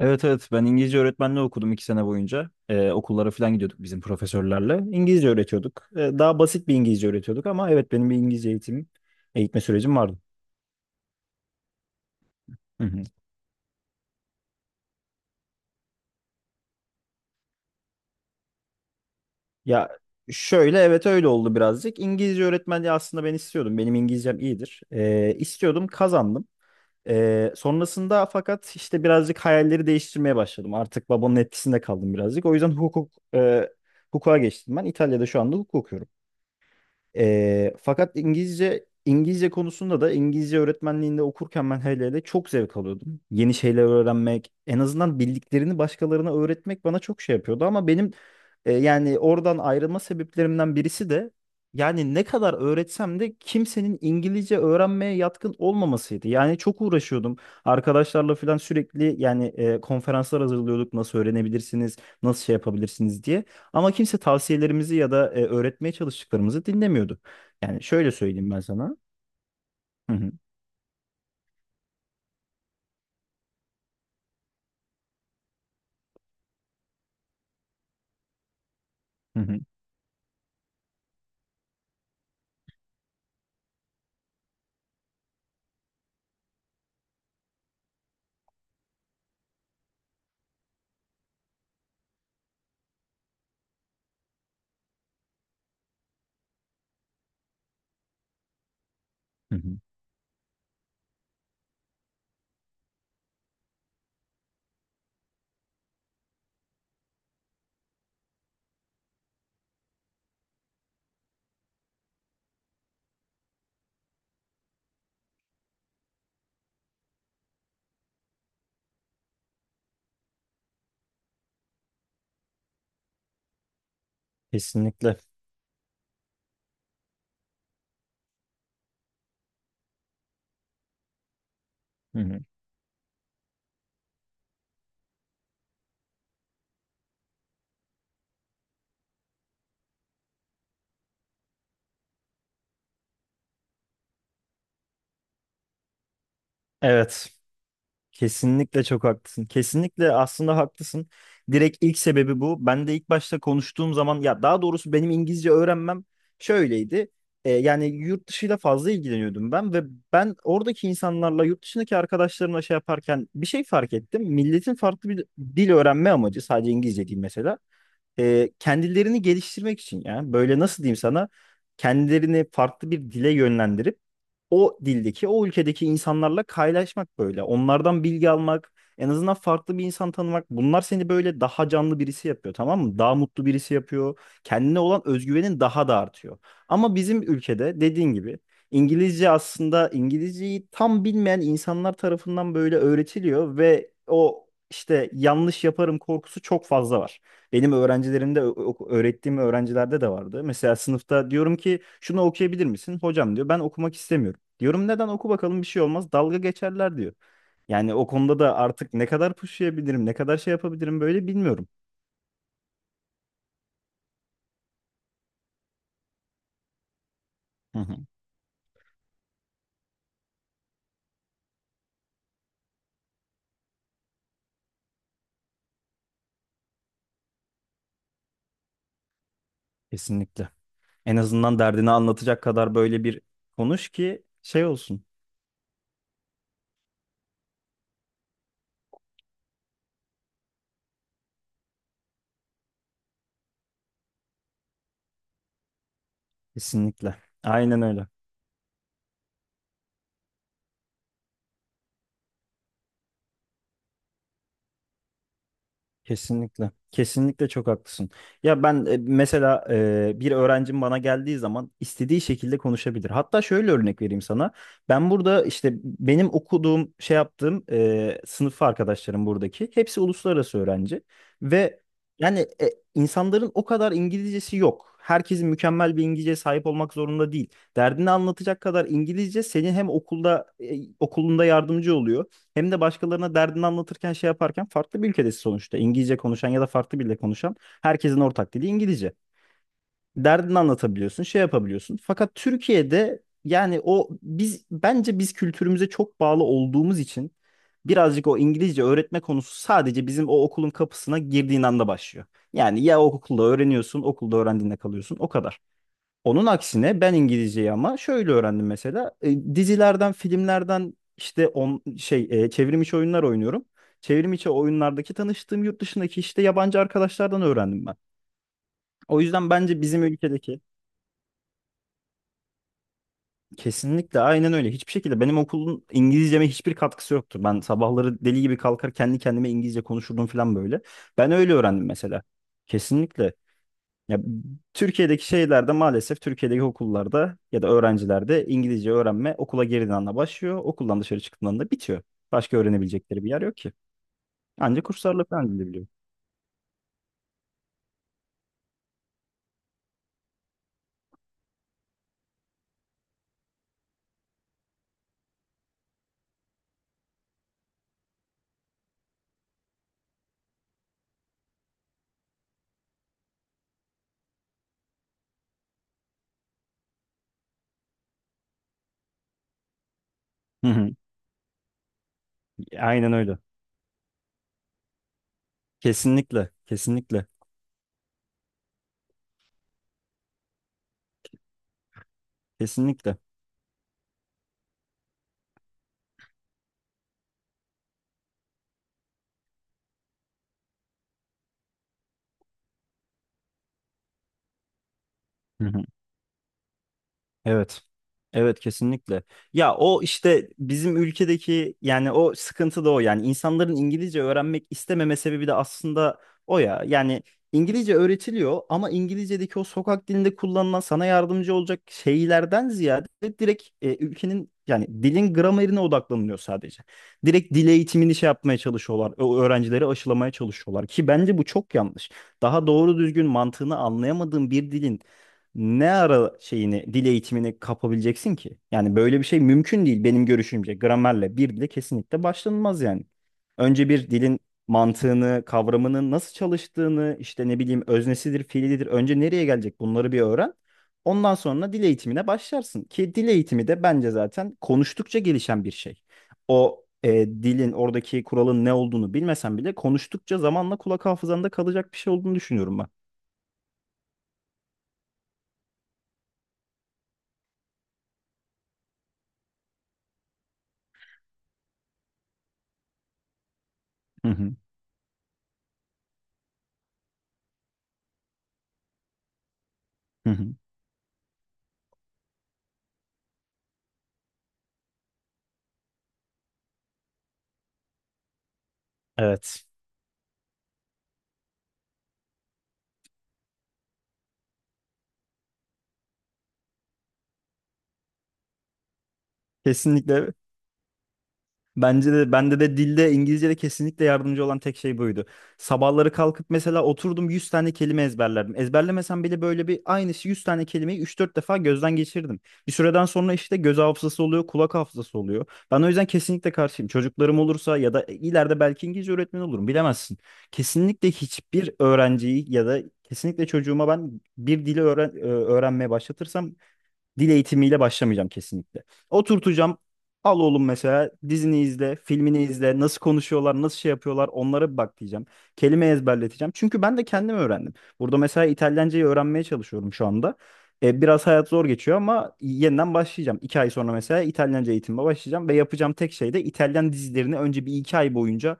Evet evet ben İngilizce öğretmenliği okudum 2 sene boyunca. Okullara falan gidiyorduk bizim profesörlerle. İngilizce öğretiyorduk. Daha basit bir İngilizce öğretiyorduk ama evet benim bir İngilizce eğitim, eğitme sürecim vardı. Hı hı. Ya şöyle evet öyle oldu birazcık. İngilizce öğretmenliği aslında ben istiyordum. Benim İngilizcem iyidir. İstiyordum kazandım. Sonrasında fakat işte birazcık hayalleri değiştirmeye başladım. Artık babamın etkisinde kaldım birazcık. O yüzden hukuka geçtim ben. İtalya'da şu anda hukuk okuyorum. Fakat İngilizce İngilizce konusunda da İngilizce öğretmenliğinde okurken ben hele hele çok zevk alıyordum. Yeni şeyler öğrenmek, en azından bildiklerini başkalarına öğretmek bana çok şey yapıyordu ama benim yani oradan ayrılma sebeplerimden birisi de yani ne kadar öğretsem de kimsenin İngilizce öğrenmeye yatkın olmamasıydı. Yani çok uğraşıyordum. Arkadaşlarla falan sürekli yani konferanslar hazırlıyorduk. Nasıl öğrenebilirsiniz, nasıl şey yapabilirsiniz diye. Ama kimse tavsiyelerimizi ya da öğretmeye çalıştıklarımızı dinlemiyordu. Yani şöyle söyleyeyim ben sana. Hı hı, hı hı, hı hı. Kesinlikle. Hı hı. Evet. Kesinlikle çok haklısın. Kesinlikle aslında haklısın. Direkt ilk sebebi bu. Ben de ilk başta konuştuğum zaman ya daha doğrusu benim İngilizce öğrenmem şöyleydi. Yani yurt dışıyla fazla ilgileniyordum ben ve ben oradaki insanlarla yurt dışındaki arkadaşlarımla şey yaparken bir şey fark ettim. Milletin farklı bir dil öğrenme amacı sadece İngilizce değil mesela. Kendilerini geliştirmek için ya böyle nasıl diyeyim sana kendilerini farklı bir dile yönlendirip o dildeki o ülkedeki insanlarla kaynaşmak böyle onlardan bilgi almak en azından farklı bir insan tanımak bunlar seni böyle daha canlı birisi yapıyor tamam mı daha mutlu birisi yapıyor, kendine olan özgüvenin daha da artıyor ama bizim ülkede dediğin gibi İngilizce aslında İngilizceyi tam bilmeyen insanlar tarafından böyle öğretiliyor ve o işte yanlış yaparım korkusu çok fazla var. Benim öğrencilerimde, öğrettiğim öğrencilerde de vardı. Mesela sınıfta diyorum ki şunu okuyabilir misin? Hocam diyor ben okumak istemiyorum. Diyorum neden, oku bakalım, bir şey olmaz. Dalga geçerler diyor. Yani o konuda da artık ne kadar pushlayabilirim, ne kadar şey yapabilirim böyle, bilmiyorum. Hı hı. Kesinlikle. En azından derdini anlatacak kadar böyle bir konuş ki şey olsun. Kesinlikle. Aynen öyle. Kesinlikle. Kesinlikle çok haklısın. Ya ben mesela bir öğrencim bana geldiği zaman istediği şekilde konuşabilir. Hatta şöyle örnek vereyim sana. Ben burada işte benim okuduğum, şey yaptığım sınıf arkadaşlarım buradaki hepsi uluslararası öğrenci ve yani insanların o kadar İngilizcesi yok. Herkesin mükemmel bir İngilizceye sahip olmak zorunda değil. Derdini anlatacak kadar İngilizce senin hem okulunda yardımcı oluyor. Hem de başkalarına derdini anlatırken şey yaparken farklı bir ülkedesin sonuçta. İngilizce konuşan ya da farklı bir dilde konuşan herkesin ortak dili İngilizce. Derdini anlatabiliyorsun, şey yapabiliyorsun. Fakat Türkiye'de yani o biz bence biz kültürümüze çok bağlı olduğumuz için birazcık o İngilizce öğretme konusu sadece bizim o okulun kapısına girdiğin anda başlıyor. Yani ya okulda öğreniyorsun, okulda öğrendiğinde kalıyorsun, o kadar. Onun aksine ben İngilizceyi ama şöyle öğrendim mesela. Dizilerden, filmlerden işte çevrim içi oyunlar oynuyorum. Çevrim içi oyunlardaki tanıştığım yurt dışındaki işte yabancı arkadaşlardan öğrendim ben. O yüzden bence bizim ülkedeki kesinlikle aynen öyle. Hiçbir şekilde benim okulun İngilizceme hiçbir katkısı yoktu. Ben sabahları deli gibi kalkar kendi kendime İngilizce konuşurdum falan böyle. Ben öyle öğrendim mesela. Kesinlikle. Ya, Türkiye'deki şeylerde maalesef Türkiye'deki okullarda ya da öğrencilerde İngilizce öğrenme okula girdiğin anda başlıyor. Okuldan dışarı çıktığın anda bitiyor. Başka öğrenebilecekleri bir yer yok ki. Ancak kurslarla falan gidebiliyor. Hı hı. Aynen öyle. Kesinlikle. Kesinlikle. Kesinlikle. Hı. Evet. Evet kesinlikle. Ya o işte bizim ülkedeki yani o sıkıntı da o yani insanların İngilizce öğrenmek istememe sebebi de aslında o ya. Yani İngilizce öğretiliyor ama İngilizce'deki o sokak dilinde kullanılan sana yardımcı olacak şeylerden ziyade direkt ülkenin yani dilin gramerine odaklanılıyor sadece. Direkt dil eğitimini şey yapmaya çalışıyorlar. O öğrencileri aşılamaya çalışıyorlar ki bence bu çok yanlış. Daha doğru düzgün mantığını anlayamadığın bir dilin ne ara şeyini, dil eğitimini kapabileceksin ki? Yani böyle bir şey mümkün değil benim görüşümce. Gramerle bir dile kesinlikle başlanılmaz yani. Önce bir dilin mantığını, kavramının nasıl çalıştığını, işte ne bileyim öznesidir, fiilidir, önce nereye gelecek, bunları bir öğren. Ondan sonra dil eğitimine başlarsın. Ki dil eğitimi de bence zaten konuştukça gelişen bir şey. O dilin oradaki kuralın ne olduğunu bilmesen bile konuştukça zamanla kulak hafızanda kalacak bir şey olduğunu düşünüyorum ben. Hı hı. Hı hı. Evet. Kesinlikle. Bence de bende de dilde İngilizce'de kesinlikle yardımcı olan tek şey buydu. Sabahları kalkıp mesela oturdum 100 tane kelime ezberlerdim. Ezberlemesem bile böyle bir aynı 100 tane kelimeyi üç dört defa gözden geçirdim. Bir süreden sonra işte göz hafızası oluyor, kulak hafızası oluyor. Ben o yüzden kesinlikle karşıyım. Çocuklarım olursa ya da ileride belki İngilizce öğretmeni olurum, bilemezsin. Kesinlikle hiçbir öğrenciyi ya da kesinlikle çocuğuma ben bir dili öğrenmeye başlatırsam dil eğitimiyle başlamayacağım kesinlikle. Oturtacağım. Al oğlum mesela dizini izle, filmini izle, nasıl konuşuyorlar, nasıl şey yapıyorlar, onlara bir bak diyeceğim. Kelime ezberleteceğim. Çünkü ben de kendim öğrendim. Burada mesela İtalyancayı öğrenmeye çalışıyorum şu anda. Biraz hayat zor geçiyor ama yeniden başlayacağım. İki ay sonra mesela İtalyanca eğitimime başlayacağım ve yapacağım tek şey de İtalyan dizilerini önce bir iki ay boyunca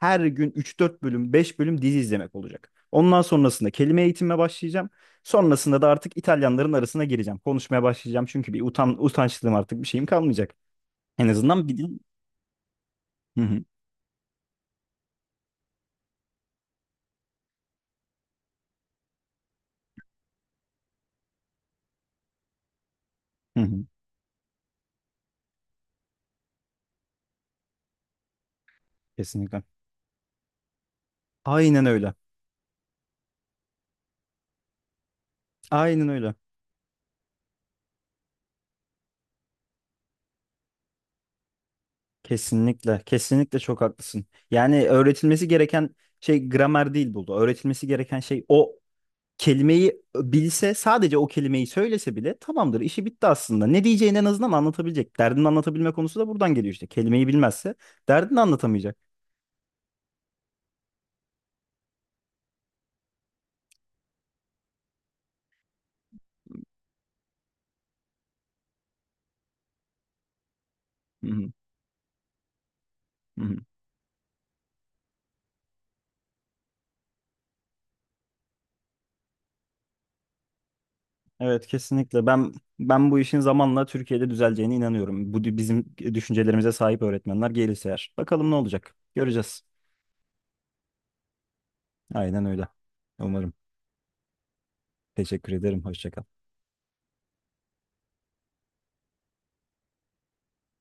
her gün üç dört bölüm, 5 bölüm dizi izlemek olacak. Ondan sonrasında kelime eğitimime başlayacağım. Sonrasında da artık İtalyanların arasına gireceğim. Konuşmaya başlayacağım çünkü bir utançlığım artık bir şeyim kalmayacak. En azından bir dil. Hı hı, hı hı. Kesinlikle. Aynen öyle. Aynen öyle. Kesinlikle. Kesinlikle çok haklısın. Yani öğretilmesi gereken şey gramer değil burada. Öğretilmesi gereken şey o kelimeyi bilse, sadece o kelimeyi söylese bile tamamdır, işi bitti aslında. Ne diyeceğini en azından anlatabilecek. Derdini anlatabilme konusu da buradan geliyor işte. Kelimeyi bilmezse derdini anlatamayacak. Hı hı, hı hı. Evet kesinlikle. Ben bu işin zamanla Türkiye'de düzeleceğine inanıyorum. Bizim düşüncelerimize sahip öğretmenler gelirse eğer. Bakalım ne olacak. Göreceğiz. Aynen öyle. Umarım. Teşekkür ederim. Hoşça kal.